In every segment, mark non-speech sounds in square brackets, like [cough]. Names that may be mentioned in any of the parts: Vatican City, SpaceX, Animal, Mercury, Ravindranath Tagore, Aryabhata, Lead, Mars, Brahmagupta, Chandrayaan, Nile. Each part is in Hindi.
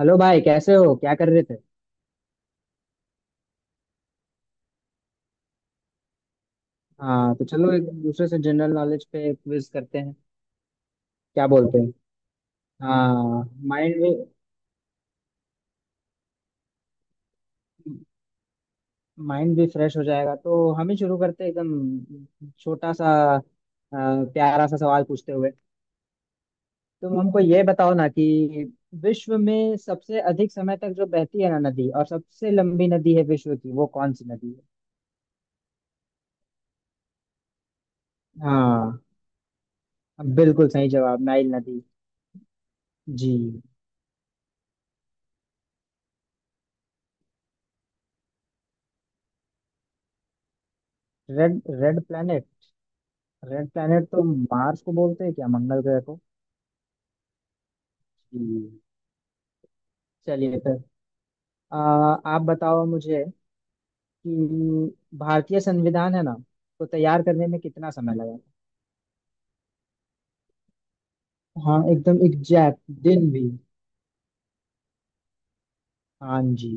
हेलो भाई कैसे हो क्या कर रहे थे। हाँ तो चलो एक दूसरे से जनरल नॉलेज पे क्विज करते हैं। क्या बोलते हैं। हाँ। माइंड भी। माइंड भी फ्रेश हो जाएगा तो हम ही शुरू करते हैं एकदम छोटा सा अ, प्यारा सा सवाल पूछते हुए। तुम हमको ये बताओ ना कि विश्व में सबसे अधिक समय तक जो बहती है ना नदी और सबसे लंबी नदी है विश्व की वो कौन सी नदी है। हाँ बिल्कुल सही जवाब नाइल नदी। जी। Red red planet. Red planet तो मार्स को बोलते हैं क्या मंगल ग्रह को। हम्म, चलिए फिर। आप बताओ मुझे कि भारतीय संविधान है ना तो तैयार करने में कितना समय लगा। था हाँ एकदम एग्जैक्ट दिन भी। हाँ जी।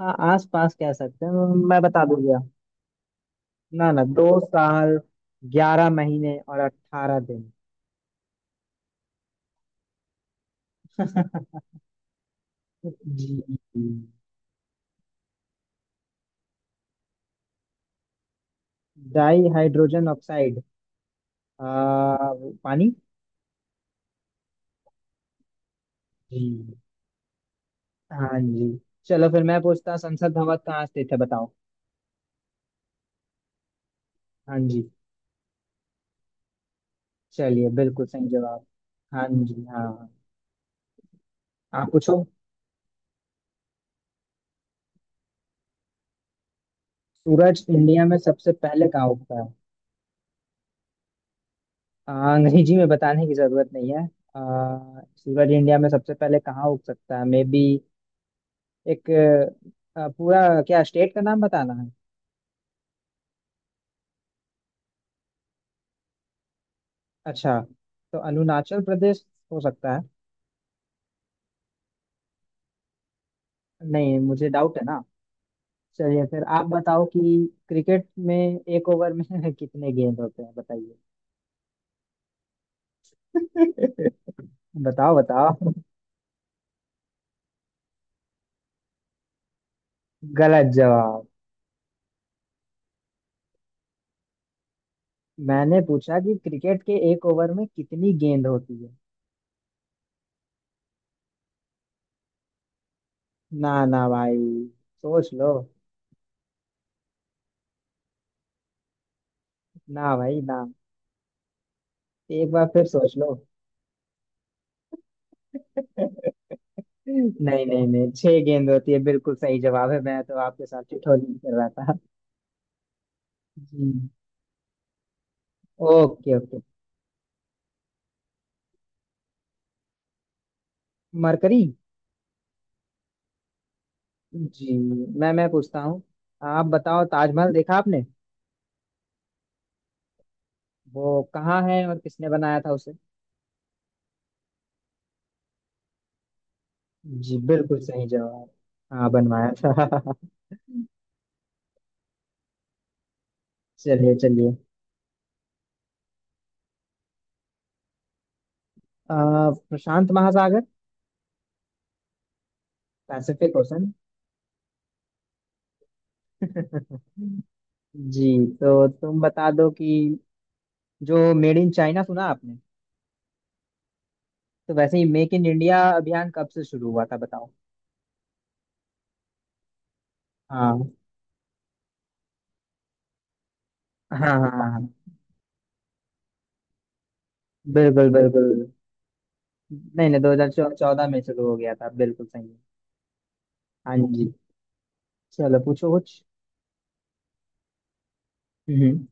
हाँ आस पास कह सकते हैं। मैं बता दूंगा। ना ना 2 साल 11 महीने और 18 दिन। [laughs] जी। Dihydrogen oxide. आ, पानी। जी हाँ जी। चलो फिर मैं पूछता संसद भवन कहाँ स्थित है बताओ। हाँ जी। चलिए बिल्कुल सही जवाब। हाँ जी हाँ। आप पूछो। सूरज इंडिया में सबसे पहले कहाँ उगता है। अंग्रेजी में बताने की जरूरत नहीं है। सूरज इंडिया में सबसे पहले कहाँ उग सकता है मे बी एक पूरा क्या स्टेट का नाम बताना है। अच्छा तो अरुणाचल प्रदेश हो सकता है। नहीं मुझे डाउट है ना। चलिए फिर आप बताओ कि क्रिकेट में एक ओवर में [laughs] कितने गेंद होते हैं बताइए। [laughs] बताओ बताओ। गलत जवाब। मैंने पूछा कि क्रिकेट के एक ओवर में कितनी गेंद होती है। ना ना भाई सोच लो। ना भाई ना। एक बार फिर सोच लो। [laughs] नहीं नहीं नहीं छह गेंद होती है बिल्कुल सही जवाब है मैं तो आपके साथ ठिठोली भी कर रहा था। जी। Okay okay. मरकरी। जी। मैं पूछता हूँ। आप बताओ ताजमहल देखा आपने। वो कहाँ है और किसने बनाया था। जी बिल्कुल सही जवाब। हाँ बनवाया था। [laughs] चलिए चलिए। प्रशांत महासागर। Pacific ocean. [laughs] जी तो तुम बता दो कि जो मेड इन चाइना सुना आपने तो वैसे ही मेक इन इंडिया अभियान कब से शुरू हुआ था बताओ। हाँ हाँ हाँ हाँ, बिल्कुल बिल्कुल। नहीं नहीं 2014 में शुरू हो गया था बिल्कुल सही है। हाँ जी। चलो पूछो कुछ। हम्म।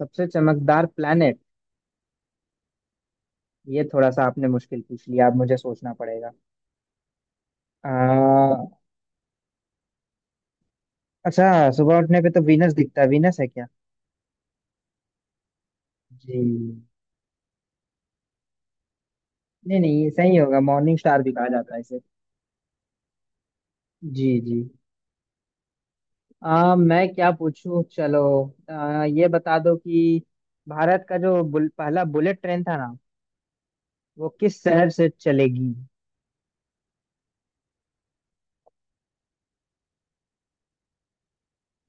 सबसे चमकदार प्लेनेट। ये थोड़ा सा आपने मुश्किल पूछ लिया अब मुझे सोचना पड़ेगा। आ, अच्छा सुबह उठने पे तो वीनस दिखता है वीनस है क्या। जी। नहीं नहीं ये सही होगा मॉर्निंग स्टार भी कहा जाता है इसे। जी जी। मैं क्या पूछूं चलो। ये बता दो कि भारत का जो पहला बुलेट ट्रेन था ना वो किस शहर से चलेगी।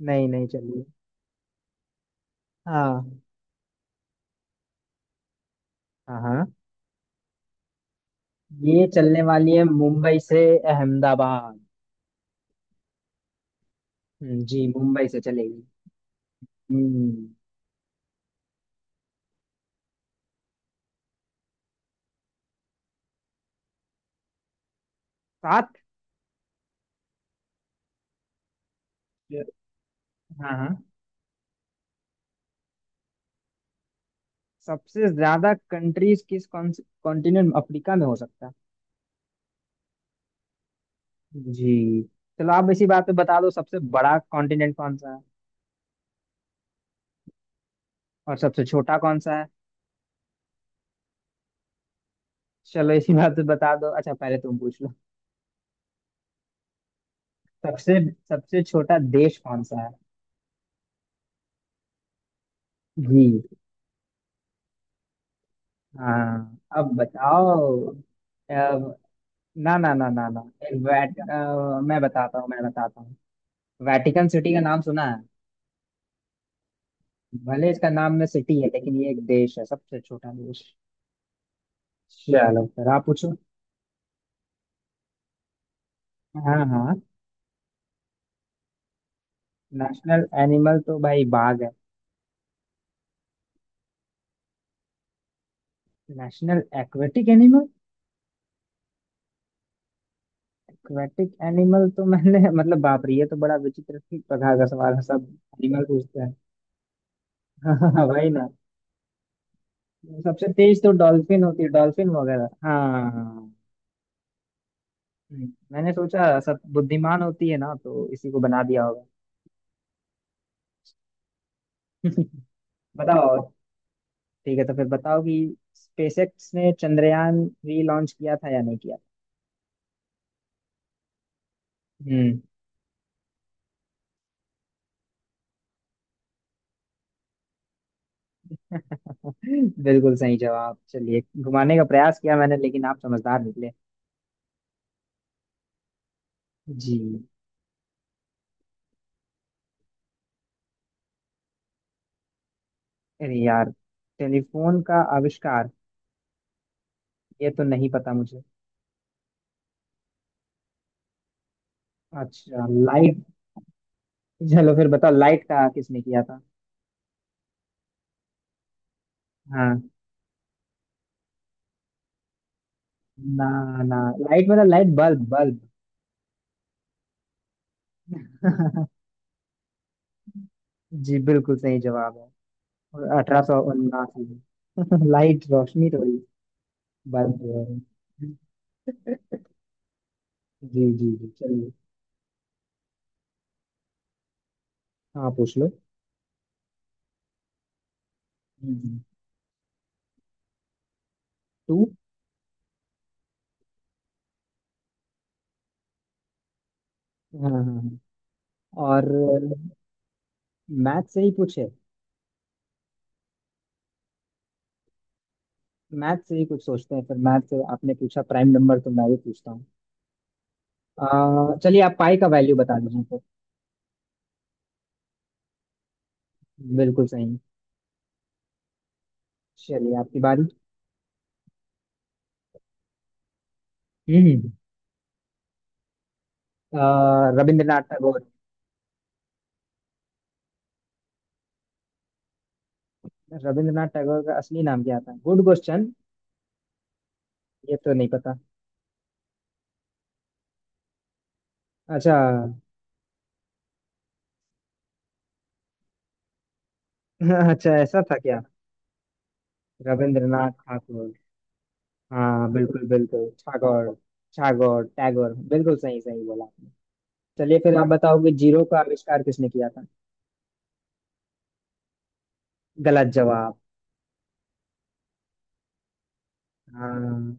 नहीं नहीं चलिए। हाँ हाँ हाँ ये चलने वाली है मुंबई से अहमदाबाद। जी मुंबई से चलेगी। हम्म। सात। च- हाँ हाँ सबसे ज्यादा कंट्रीज किस कॉन्टिनेंट अफ्रीका में हो सकता है। जी। चलो आप इसी बात पे बता दो सबसे बड़ा कॉन्टिनेंट कौन सा है और सबसे छोटा कौन सा है। चलो इसी बात पे बता दो अच्छा पहले तुम पूछ लो। सबसे सबसे छोटा देश कौन सा है। जी। हाँ अब बताओ। अब- ना ना ना ना ना। मैं बताता हूँ मैं बताता हूँ। वेटिकन सिटी का नाम सुना है। भले इसका नाम में सिटी है लेकिन ये एक देश है सबसे छोटा देश। चलो फिर आप पूछो। हाँ हाँ। नेशनल एनिमल तो भाई बाघ है। National aquatic animal. Aquatic animal तो मैंने [laughs] मतलब बाप रे ये तो बड़ा विचित्र सी प्रकार का सवाल है सब एनिमल पूछते हैं। [laughs] हाँ भाई ना। सबसे तेज तो डॉल्फिन होती है डॉल्फिन वगैरह हाँ हाँ, हाँ। मैंने सोचा सब बुद्धिमान होती है ना तो इसी को बना दिया होगा। [laughs] बताओ। ठीक है तो फिर बताओ कि स्पेसएक्स ने चंद्रयान थ्री लॉन्च किया था या नहीं किया। बिल्कुल सही जवाब चलिए घुमाने का प्रयास किया मैंने लेकिन आप समझदार निकले। जी। अरे यार टेलीफोन का आविष्कार। ये तो नहीं पता मुझे। अच्छा लाइट। चलो फिर बताओ लाइट का किसने किया था। हाँ। ना ना लाइट मतलब लाइट बल्ब बल्ब। [laughs] जी बिल्कुल सही जवाब है 1879 में। [laughs] लाइट रोशनी थोड़ी बल्ब जो है। जी जी जी चलिए। हाँ पूछ लो। हम्म, टू। हाँ हाँ हाँ। और मैथ से ही कुछ है। मैथ से ही कुछ सोचते हैं फिर मैथ से आपने पूछा प्राइम नंबर तो मैं भी पूछता हूँ। चलिए आप पाई का वैल्यू बता दीजिए तो। बिल्कुल सही। चलिए आपकी बारी। हम्म। रविंद्रनाथ टैगोर। रविंद्रनाथ टैगोर का असली नाम क्या था गुड क्वेश्चन। ये तो नहीं पता। अच्छा। [laughs] अच्छा ऐसा था क्या। रविंद्रनाथ ठाकुर। हाँ बिल्कुल बिल्कुल ठाकुर। ठाकुर टैगोर बिल्कुल सही सही बोला आपने। चलिए फिर आप बताओगे जीरो का आविष्कार किसने किया था। गलत जवाब। हाँ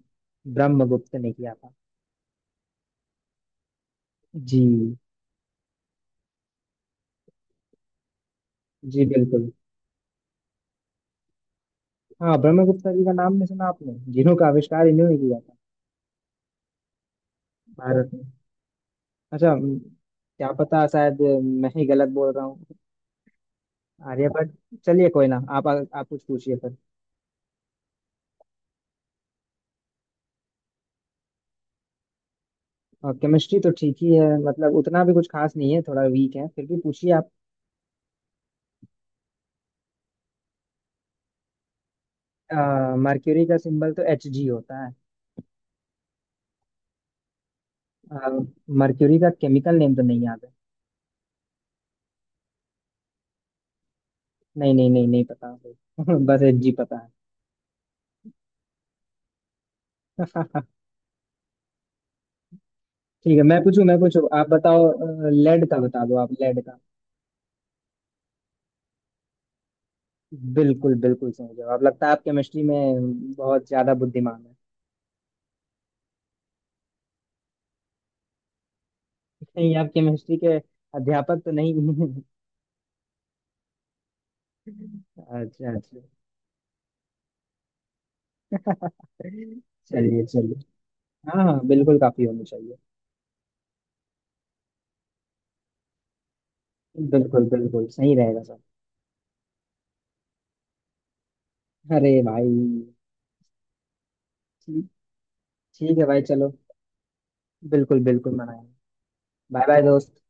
ब्रह्मगुप्त ने किया था। जी। जी बिल्कुल। हाँ ब्रह्मगुप्त जी का नाम नहीं सुना आपने जिन्हों का आविष्कार इन्होंने किया था भारत में। अच्छा क्या पता शायद मैं ही गलत बोल रहा हूँ। आर्यभट्ट चलिए कोई ना आप कुछ पूछिए फिर। और केमिस्ट्री तो ठीक ही है मतलब उतना भी कुछ खास नहीं है थोड़ा वीक है फिर भी पूछिए आप। मर्क्यूरी का सिंबल तो Hg होता है। मर्क्यूरी का केमिकल नेम तो नहीं याद है। नहीं नहीं नहीं नहीं पता मुझे। [laughs] बस Hg पता है। ठीक है मैं पूछूं आप बताओ। लेड का बता दो आप लेड का। बिल्कुल बिल्कुल सही जवाब लगता है आप केमिस्ट्री में बहुत ज्यादा बुद्धिमान है। [laughs] नहीं आप केमिस्ट्री के अध्यापक तो नहीं हैं। [laughs] अच्छा अच्छा। चलिए चलिए। हाँ हाँ बिल्कुल काफी होनी चाहिए। बिल्कुल बिल्कुल सही रहेगा सर। अरे भाई। ठीक ठीक है भाई चलो। बिल्कुल बिल्कुल मनाएंगे। बाय बाय दोस्त।